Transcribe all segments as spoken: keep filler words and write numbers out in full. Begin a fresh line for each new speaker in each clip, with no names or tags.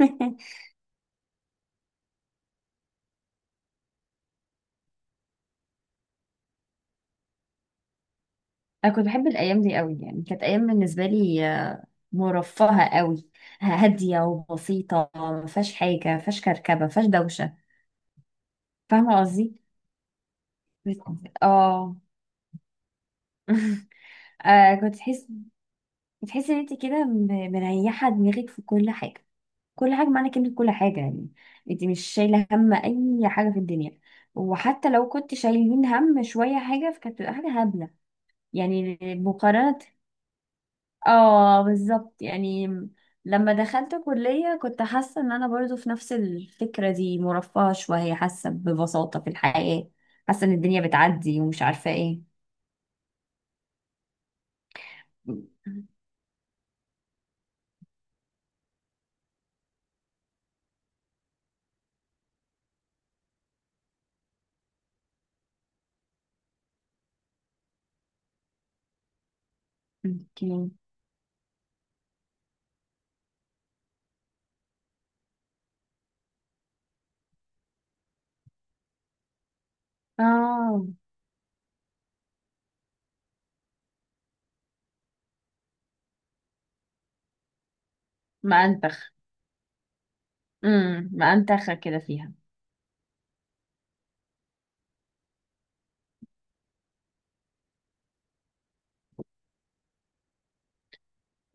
انا كنت بحب الايام دي قوي. يعني كانت ايام بالنسبه لي آه، مرفهه قوي، هاديه وبسيطه، ما فيهاش حاجه، ما فيهاش كركبه، ما فيهاش دوشه. فاهمه قصدي؟ بت- اه آه، كنت تحس، بتحس ان انت كده م- مريحه دماغك في كل حاجه، كل حاجه معنى كلمه كل حاجه، يعني انت مش شايله هم اي حاجه في الدنيا. وحتى لو كنت شايلين هم شويه حاجه فكانت بتبقى حاجه هبله، يعني مقارنه. اه بالظبط يعني. لما دخلت كلية كنت حاسة ان انا برضو في نفس الفكرة دي، مرفهة شوية، حاسة ببساطة في الحياة، حاسة ان الدنيا بتعدي ومش عارفة ايه. اوكي. اه. مأنتخ. امم مأنتخة كده فيها.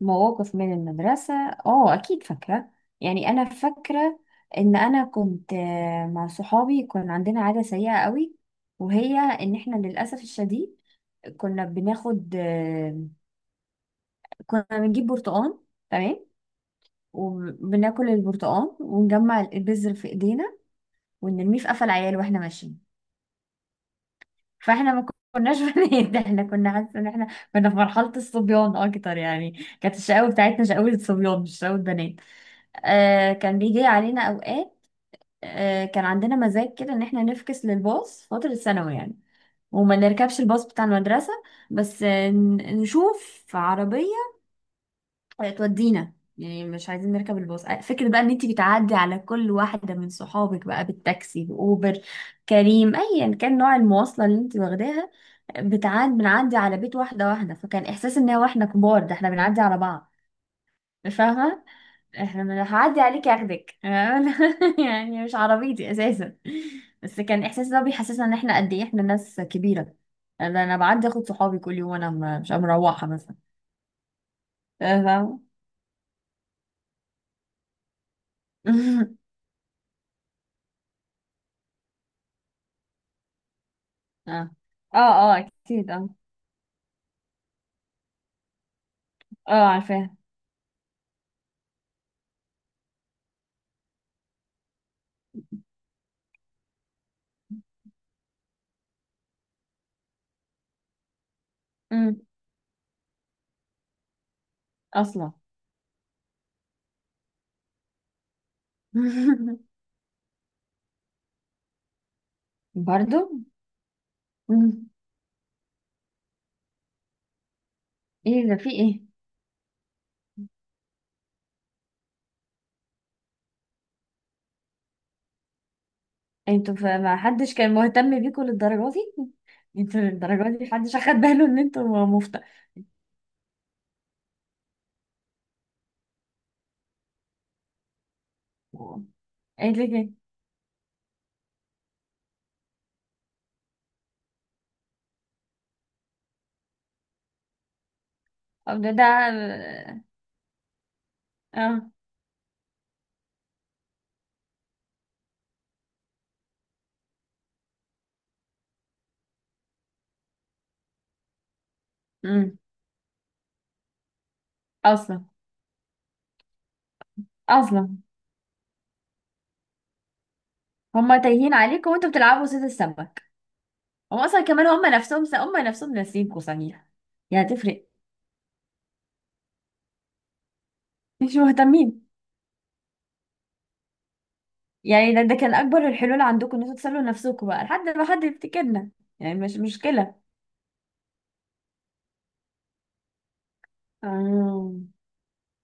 مواقف من المدرسة؟ اه اكيد فاكرة. يعني انا فاكرة ان انا كنت آه، مع صحابي، كان عندنا عادة سيئة قوي، وهي ان احنا للأسف الشديد كنا بناخد آه، كنا بنجيب برتقان، تمام، وبناكل البرتقان ونجمع البذر في ايدينا ونرميه في قفا العيال واحنا ماشيين. فاحنا ما كناش بنات، احنا كنا حاسه ان احنا كنا في مرحله الصبيان اكتر، يعني كانت الشقاوه بتاعتنا شقاوه صبيان مش شقاوه بنات. آه كان بيجي علينا اوقات، آه كان عندنا مزاج كده ان احنا نفكس للباص فتره الثانوي يعني، وما نركبش الباص بتاع المدرسه، بس آه، ن- نشوف عربية آه، تودينا. يعني مش عايزين نركب الباص، آه، فكرة بقى ان انتي بتعدي على كل واحدة من صحابك بقى بالتاكسي، بأوبر، كريم، ايا كان نوع المواصلة اللي انتي واخداها. بتعدي بنعدي على بيت واحدة واحدة، فكان احساس ان هو احنا كبار، ده احنا بنعدي على بعض. فاهمة؟ احنا من- هعدي عليك اخدك يعني مش عربيتي اساسا. بس كان احساس ده بيحسسنا ان احنا قد ايه احنا ناس كبيرة. انا أنا بعدي اخد صحابي كل يوم وانا م- مش مروحة مثلا. فاهمة؟ اه. اه. اه اكيد اه. اه عارفاها. امم اصلا. برضو. امم ايه ده، في ايه؟ انتوا ف- ما حدش كان مهتم بيكم للدرجه دي؟ انتوا للدرجه دي محدش اخد باله ان انتوا مفتى؟ ايه ده كده! طب ده ده اه. امم اصلا. اصلا. هما تايهين عليكم وانتوا بتلعبوا صيد السمك؟ هما اصلا كمان، هما نفسهم هما نفسهم ناسيينكم صحيح. يعني هتفرق. مش مهتمين. يعني ده ده كان اكبر الحلول عندكم، ان انتوا تسلوا نفسكم بقى لحد ما حد يفتكرنا؟ يعني مش مشكله. آه.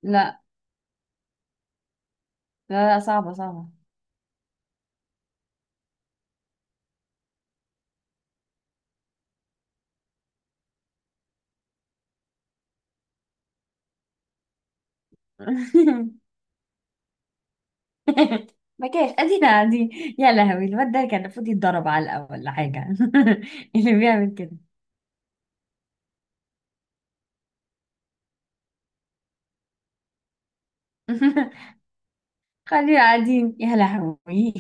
لا. لا لا صعبه صعبه. ما كانش ادينا قاعدين! يا لهوي، الواد ده كان المفروض يتضرب على الاول ولا حاجه! اللي بيعمل كده! خلينا قاعدين، يا لهوي!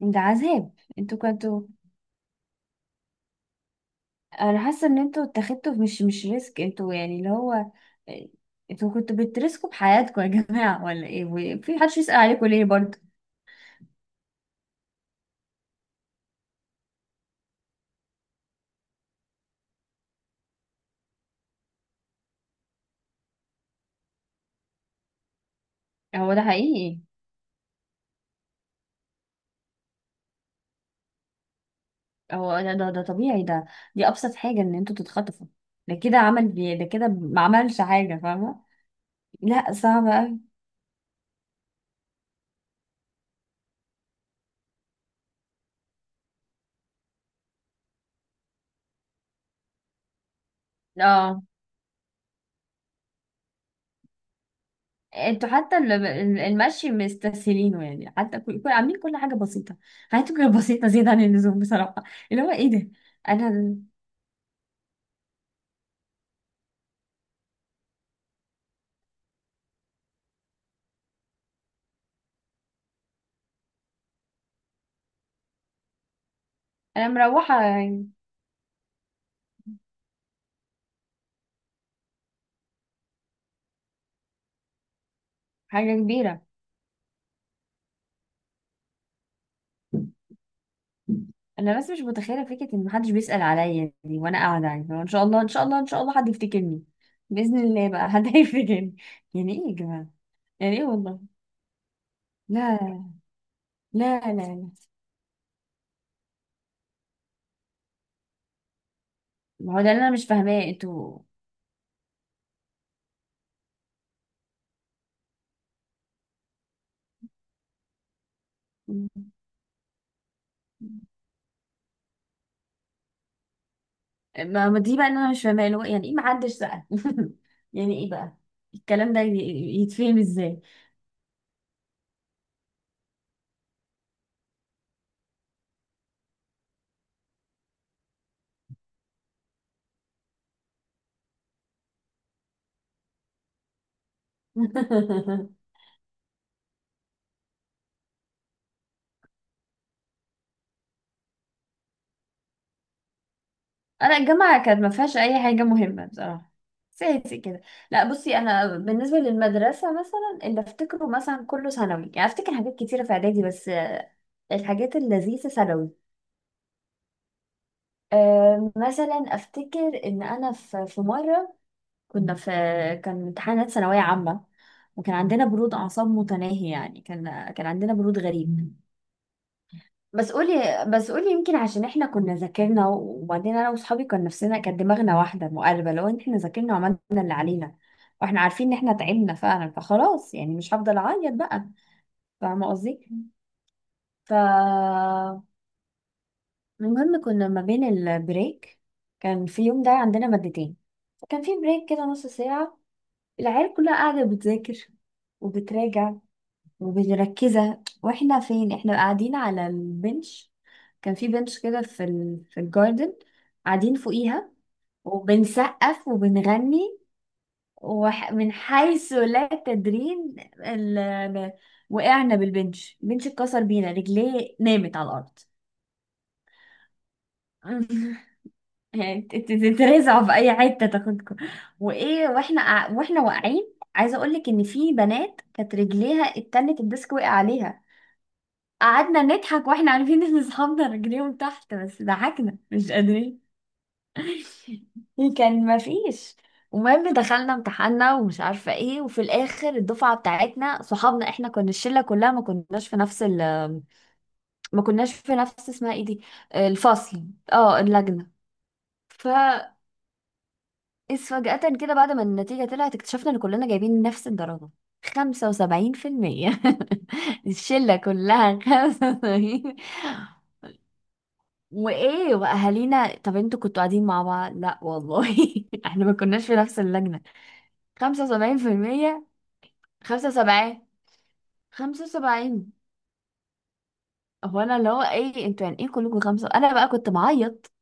ده عذاب! انتوا كنتوا، انا حاسه ان انتوا اتخذتوا مش مش ريسك، انتوا يعني اللي هو انتوا كنتوا بترسكوا بحياتكم يا جماعه ولا ايه، وفي حدش يسأل عليكم ليه برضه؟ هو ده حقيقي. هو ده ده, ده طبيعي ده، دي ابسط حاجه ان انتوا تتخطفوا. ده كده عمل، ده كده ما عملش حاجه، فاهمه؟ لا صعب قوي. اه. انتوا حتى ال- ال- المشي مستسهلينه، يعني حتى كل كل- عاملين كل حاجه بسيطه. حياتكم كانت بسيطه زياده عن اللزوم بصراحه. اللي هو ايه ده! انا انا مروحه يعني. حاجه كبيره! انا بس مش متخيله فكره ان محدش بيسال عليا دي وانا قاعده، يعني فان شاء الله، ان شاء الله، ان شاء الله حد يفتكرني، باذن الله بقى حد هيفتكرني! يعني ايه يا جماعه؟ يعني ايه والله! لا لا لا لا. ما هو ده اللي انا مش فاهماه، انتوا. ما ما دي بقى اللي انا مش فاهماه، اللي هو يعني ايه محدش سال؟ يعني ايه بقى الكلام ده ي- يتفهم ازاي؟ انا الجامعه كانت ما فيهاش اي حاجه مهمه بصراحه، سيتي كده. لا بصي، انا بالنسبه للمدرسه مثلا اللي افتكره مثلا كله ثانوي، يعني افتكر حاجات كتيره في اعدادي بس آه، الحاجات اللذيذه ثانوي. آه، مثلا افتكر ان انا في في مره كنا في، كان امتحانات ثانويه عامه وكان عندنا برود اعصاب متناهي، يعني كان كان عندنا برود غريب. بس قولي، بس قولي، يمكن عشان احنا كنا ذاكرنا، وبعدين انا واصحابي كان نفسنا، كانت دماغنا واحده مقلبه، لو ان احنا ذاكرنا وعملنا اللي علينا واحنا عارفين ان احنا تعبنا فعلا، فخلاص يعني مش هفضل اعيط بقى. فاهمه قصدي؟ ف المهم كنا ما بين البريك، كان في يوم ده عندنا مادتين، كان في بريك كده نص ساعه. العيال كلها قاعده بتذاكر وبتراجع ومش مركزة، واحنا فين؟ احنا قاعدين على البنش. كان في بنش كده في ال... في الجاردن، قاعدين فوقيها وبنسقف وبنغني، ومن حيث لا تدرين ال... وقعنا بالبنش، البنش اتكسر بينا، رجليه نامت على الأرض. يعني ت- ت- تترزعوا في أي حتة تاخدكم! وإيه واحنا قاع- واحنا واقعين، عايزة أقولك إن في بنات كانت رجليها التانية الديسك وقع عليها. قعدنا نضحك واحنا عارفين ان اصحابنا رجليهم تحت، بس ضحكنا مش قادرين. كان ما فيش. المهم دخلنا امتحاننا ومش عارفه ايه، وفي الاخر الدفعه بتاعتنا صحابنا، احنا كنا الشله كلها ما كناش في نفس ال ما كناش في نفس اسمها ايه دي، الفصل، اه اللجنه. ف إذ فجأة كده بعد ما النتيجة طلعت اكتشفنا ان كلنا جايبين نفس الدرجة، خمسة وسبعين في المية. الشلة كلها خمسة وسبعين! وايه واهالينا، طب انتوا كنتوا قاعدين مع بعض؟ لا والله، احنا ما كناش في نفس اللجنه. خمسة وسبعين بالمية، خمسة وسبعين، خمسة وسبعين. هو انا اللي هو ايه انتوا، يعني ايه كلكم خمسه؟ انا بقى كنت بعيط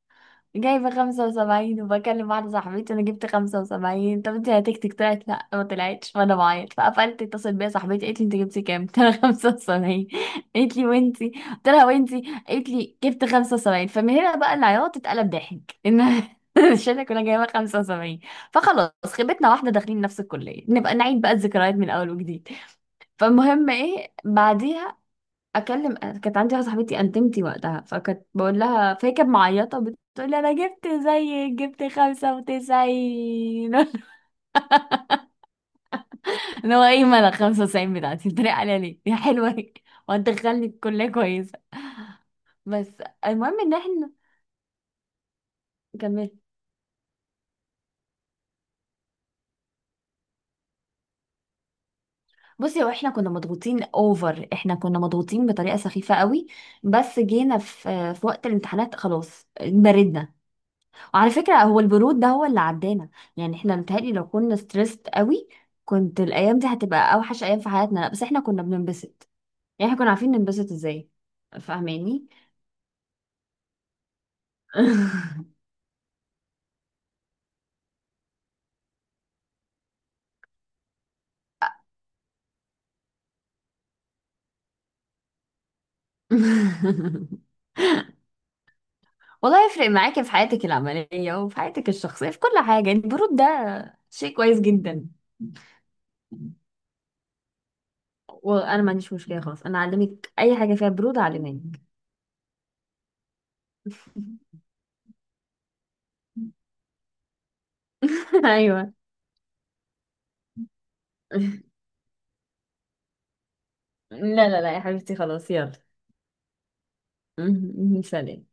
جايبة خمسة وسبعين، وبكلم واحدة صاحبتي، أنا جبت خمسة وسبعين، طب انتي هتكتك طلعت؟ لأ ما طلعتش، وأنا بعيط فقفلت. اتصل بيا صاحبتي قالت لي انت جبتي كام؟ قلت لها خمسة وسبعين. قالت لي وانتي؟ قلت لها وانتي؟ قالت لي جبت خمسة وسبعين. فمن هنا بقى العياط اتقلب ضحك، إن الشلة كلها جايبة خمسة وسبعين! فخلاص خيبتنا واحدة، داخلين نفس الكلية، نبقى نعيد بقى الذكريات من أول وجديد. فالمهم ايه بعديها، اكلم كانت عندي واحده صاحبتي انتمتي وقتها، فكانت بقول لها، فهي كانت معيطه بتقول لي انا جبت زيك، جبت خمسة وتسعين. اللي هو ايه مالك خمسة وتسعين بتاعتي بتتريق عليا ليه يا حلوه هي، وهتدخلني الكليه كويسه! بس المهم ان احنا كملت. بصي هو احنا كنا مضغوطين اوفر، احنا كنا مضغوطين بطريقه سخيفه قوي، بس جينا في في وقت الامتحانات خلاص بردنا. على فكرة هو البرود ده هو اللي عدانا، يعني احنا متهيألي لو كنا ستريسد قوي كنت الأيام دي هتبقى أوحش أيام في حياتنا. لا بس احنا كنا بننبسط، يعني احنا كنا عارفين ننبسط ازاي. فاهماني؟ والله يفرق معاكي في حياتك العملية وفي حياتك الشخصية في كل حاجة، يعني البرود ده شيء كويس جدا. وانا ما عنديش مشكلة، خلاص انا اعلمك اي حاجة فيها برود اعلمك. ايوه. لا، لا لا يا حبيبتي، خلاص يلا. سلام.